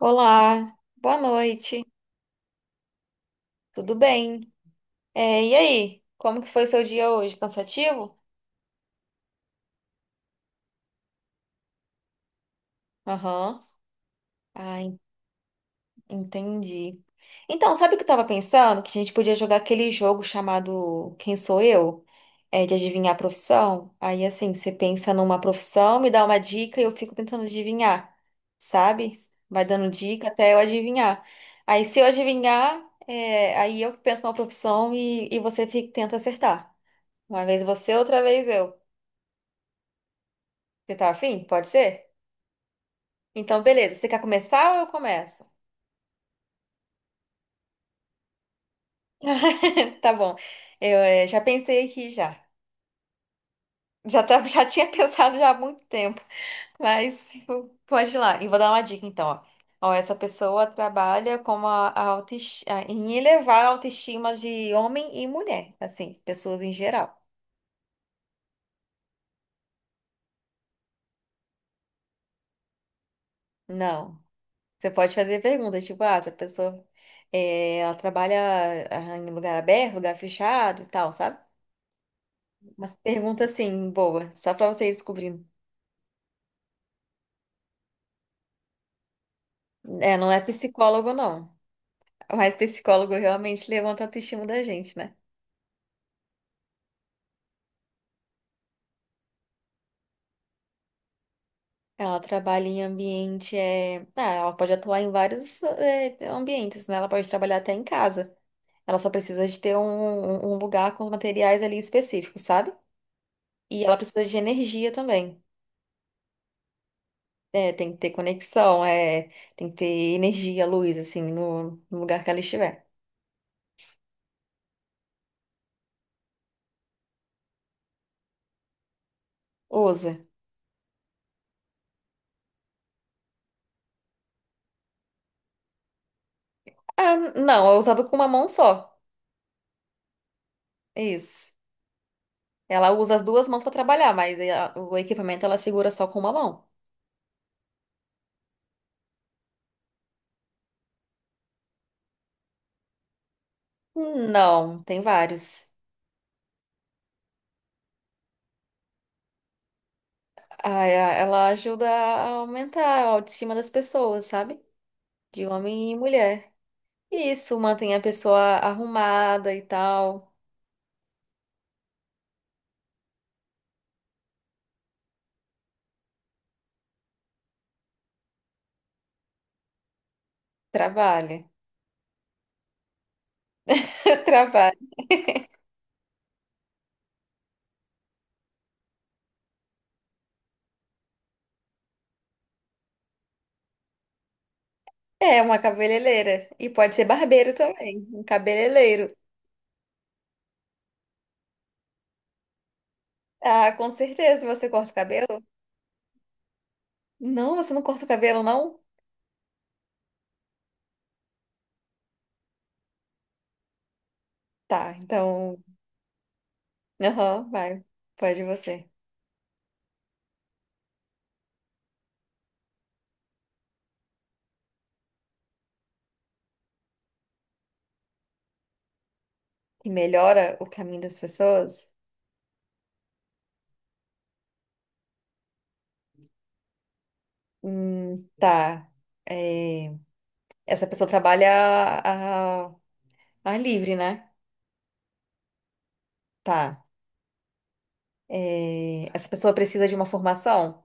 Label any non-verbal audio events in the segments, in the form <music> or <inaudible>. Olá, boa noite, tudo bem? E aí, como que foi o seu dia hoje? Cansativo? Aham. Ah, en- entendi. Então, sabe o que eu tava pensando? Que a gente podia jogar aquele jogo chamado Quem Sou Eu? É, de adivinhar a profissão. Aí, assim, você pensa numa profissão, me dá uma dica e eu fico tentando adivinhar, sabe? Vai dando dica até eu adivinhar. Aí, se eu adivinhar, é, aí eu penso numa profissão e tenta acertar. Uma vez você, outra vez eu. Você tá afim? Pode ser? Então, beleza. Você quer começar ou eu começo? <laughs> Tá bom. Eu já pensei aqui já. Já, tá, já tinha <laughs> pensado já há muito tempo. Pode ir lá. E vou dar uma dica então, ó. Ó, essa pessoa trabalha como em elevar a autoestima de homem e mulher, assim, pessoas em geral. Não. Você pode fazer perguntas, tipo, ah, essa pessoa ela trabalha ah, em lugar aberto, lugar fechado e tal, sabe? Umas perguntas assim, boa, só pra você ir descobrindo. É, não é psicólogo, não. Mas psicólogo realmente levanta a autoestima da gente, né? Ela trabalha em ambiente. É... Ah, ela pode atuar em vários é, ambientes, né? Ela pode trabalhar até em casa. Ela só precisa de ter um lugar com os materiais ali específicos, sabe? E ela precisa de energia também. É, tem que ter conexão, é, tem que ter energia, luz, assim, no lugar que ela estiver. Usa. Ah, não, é usado com uma mão só. Isso. Ela usa as duas mãos para trabalhar, mas o equipamento ela segura só com uma mão. Não, tem vários. Ela ajuda a aumentar a autoestima das pessoas, sabe? De homem e mulher. Isso mantém a pessoa arrumada e tal. Trabalha. <laughs> Trabalha. É uma cabeleireira. E pode ser barbeiro também. Um cabeleireiro. Ah, com certeza você corta o cabelo? Não, você não corta o cabelo, não? Tá, então. Aham, vai. Pode você. Que melhora o caminho das pessoas? Tá. É, essa pessoa trabalha a, a- ar livre, né? Tá. É, essa pessoa precisa de uma formação?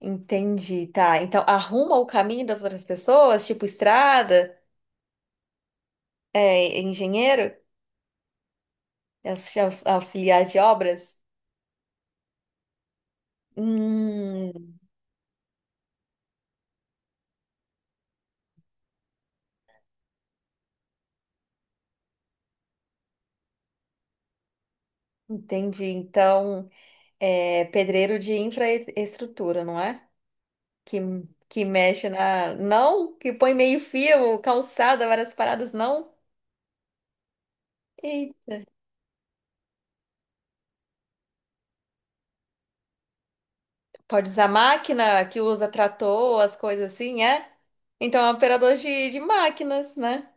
Entendi, tá. Então, arruma o caminho das outras pessoas, tipo estrada, é, engenheiro, auxiliar de obras? Hum, entendi. Então, é pedreiro de infraestrutura, não é? que, que mexe na. Não, que põe meio-fio, calçada, várias paradas, não. E pode usar máquina, que usa trator, as coisas assim, é? Então é um operador de máquinas, né? <laughs>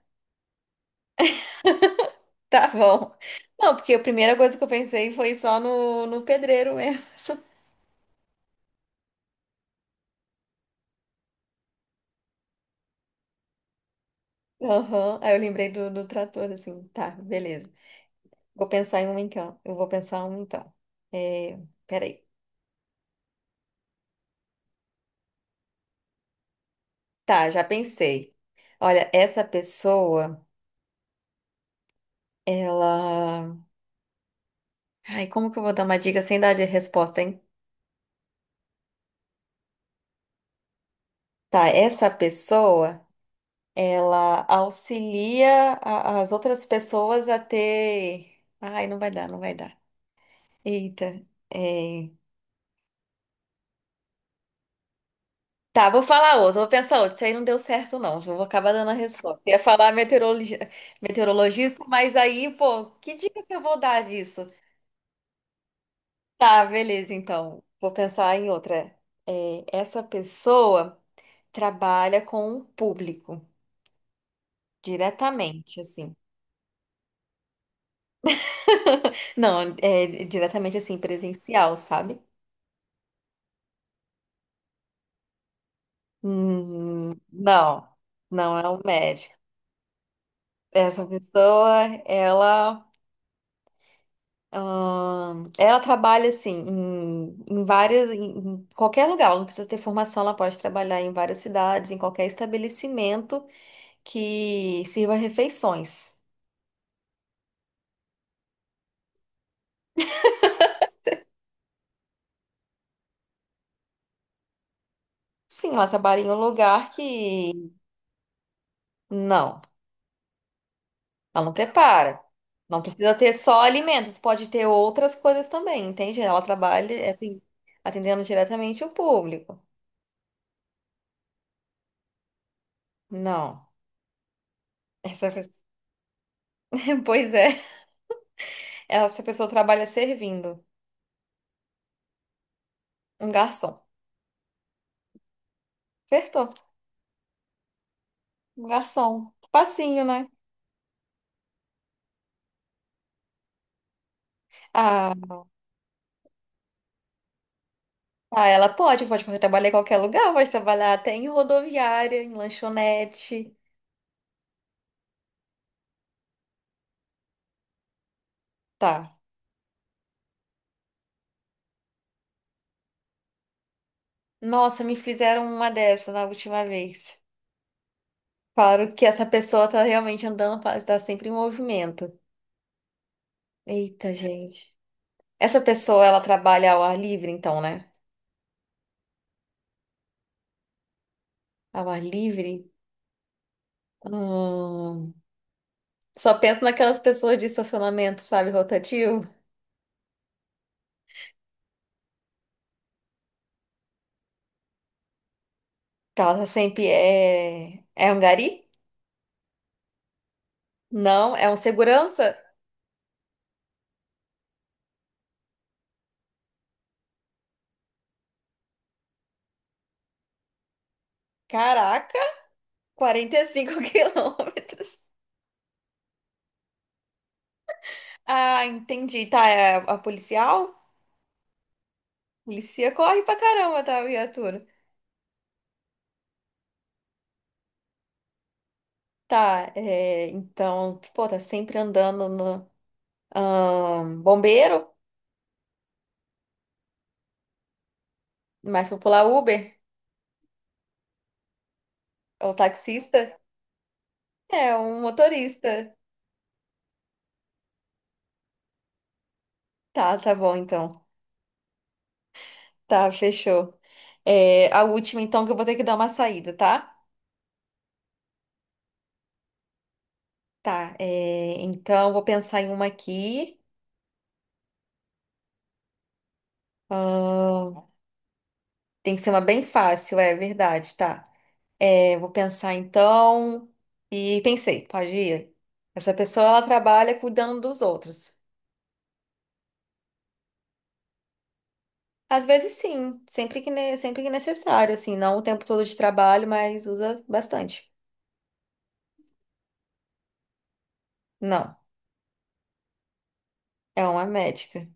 Tá bom. Não, porque a primeira coisa que eu pensei foi só no pedreiro mesmo. <laughs> Aham. Aí eu lembrei do trator, assim. Tá, beleza. Vou pensar em um então. Eu vou pensar um então. É, peraí. Tá, já pensei. Olha, essa pessoa, ela... Ai, como que eu vou dar uma dica sem dar de resposta, hein? Tá, essa pessoa, as outras pessoas a ter. Ai, não vai dar, não vai dar. Eita. é, Tá, vou falar outro, vou pensar outro. Isso aí não deu certo, não. Eu vou acabar dando a resposta. Meteorologista, mas aí, pô, que dica que eu vou dar disso? Tá, beleza, então. Vou pensar em outra. É, essa pessoa trabalha com o público diretamente, assim. <laughs> Não, é diretamente assim, presencial, sabe? Não, não é um médico. Essa pessoa, ela, ela trabalha assim em, em várias, em qualquer lugar. Ela não precisa ter formação, ela pode trabalhar em várias cidades, em qualquer estabelecimento que sirva refeições. Sim, ela trabalha em um lugar que não. Ela não prepara. Não precisa ter só alimentos, pode ter outras coisas também, entende? Ela trabalha é, assim, atendendo diretamente o público. Não. Essa pessoa... <laughs> Pois é, essa pessoa trabalha servindo. Um garçom. Acertou. Um garçom. Facinho, né? Ah, ah, ela pode, pode trabalhar em qualquer lugar, pode trabalhar até em rodoviária, em lanchonete. Tá. Nossa, me fizeram uma dessa na última vez. Claro que essa pessoa tá realmente andando, tá sempre em movimento. Eita, gente. Essa pessoa, ela trabalha ao ar livre, então, né? Ao ar livre? Hum, Só penso naquelas pessoas de estacionamento, sabe, rotativo. Que ela tá sempre é... É um gari? Não, é um segurança? Caraca, 45 <laughs> quilômetros. Ah, entendi. Tá, é a policial? Polícia corre pra caramba, tá, viatura? Tá, é... Então, pô, tá sempre andando no... bombeiro? Mais popular Uber? É um taxista? É, um motorista. Tá, tá bom então. Tá, fechou. É, a última então que eu vou ter que dar uma saída, tá? Tá, é, então vou pensar em uma aqui. Ahn, tem que ser uma bem fácil, é verdade, tá. É, vou pensar então. E pensei, pode ir. Essa pessoa ela trabalha cuidando dos outros. Às vezes sim, sempre que, sempre que necessário, assim, não o tempo todo de trabalho, mas usa bastante. Não, é uma médica.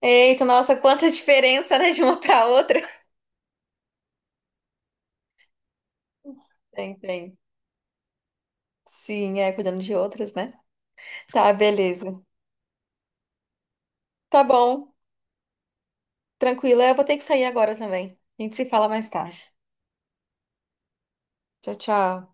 Eita, nossa, quanta diferença, né, de uma para outra. Tem, tem. Sim, é, cuidando de outras, né? Tá, beleza. Tá bom, tranquila. Eu vou ter que sair agora também. A gente se fala mais tarde. Tchau, tchau.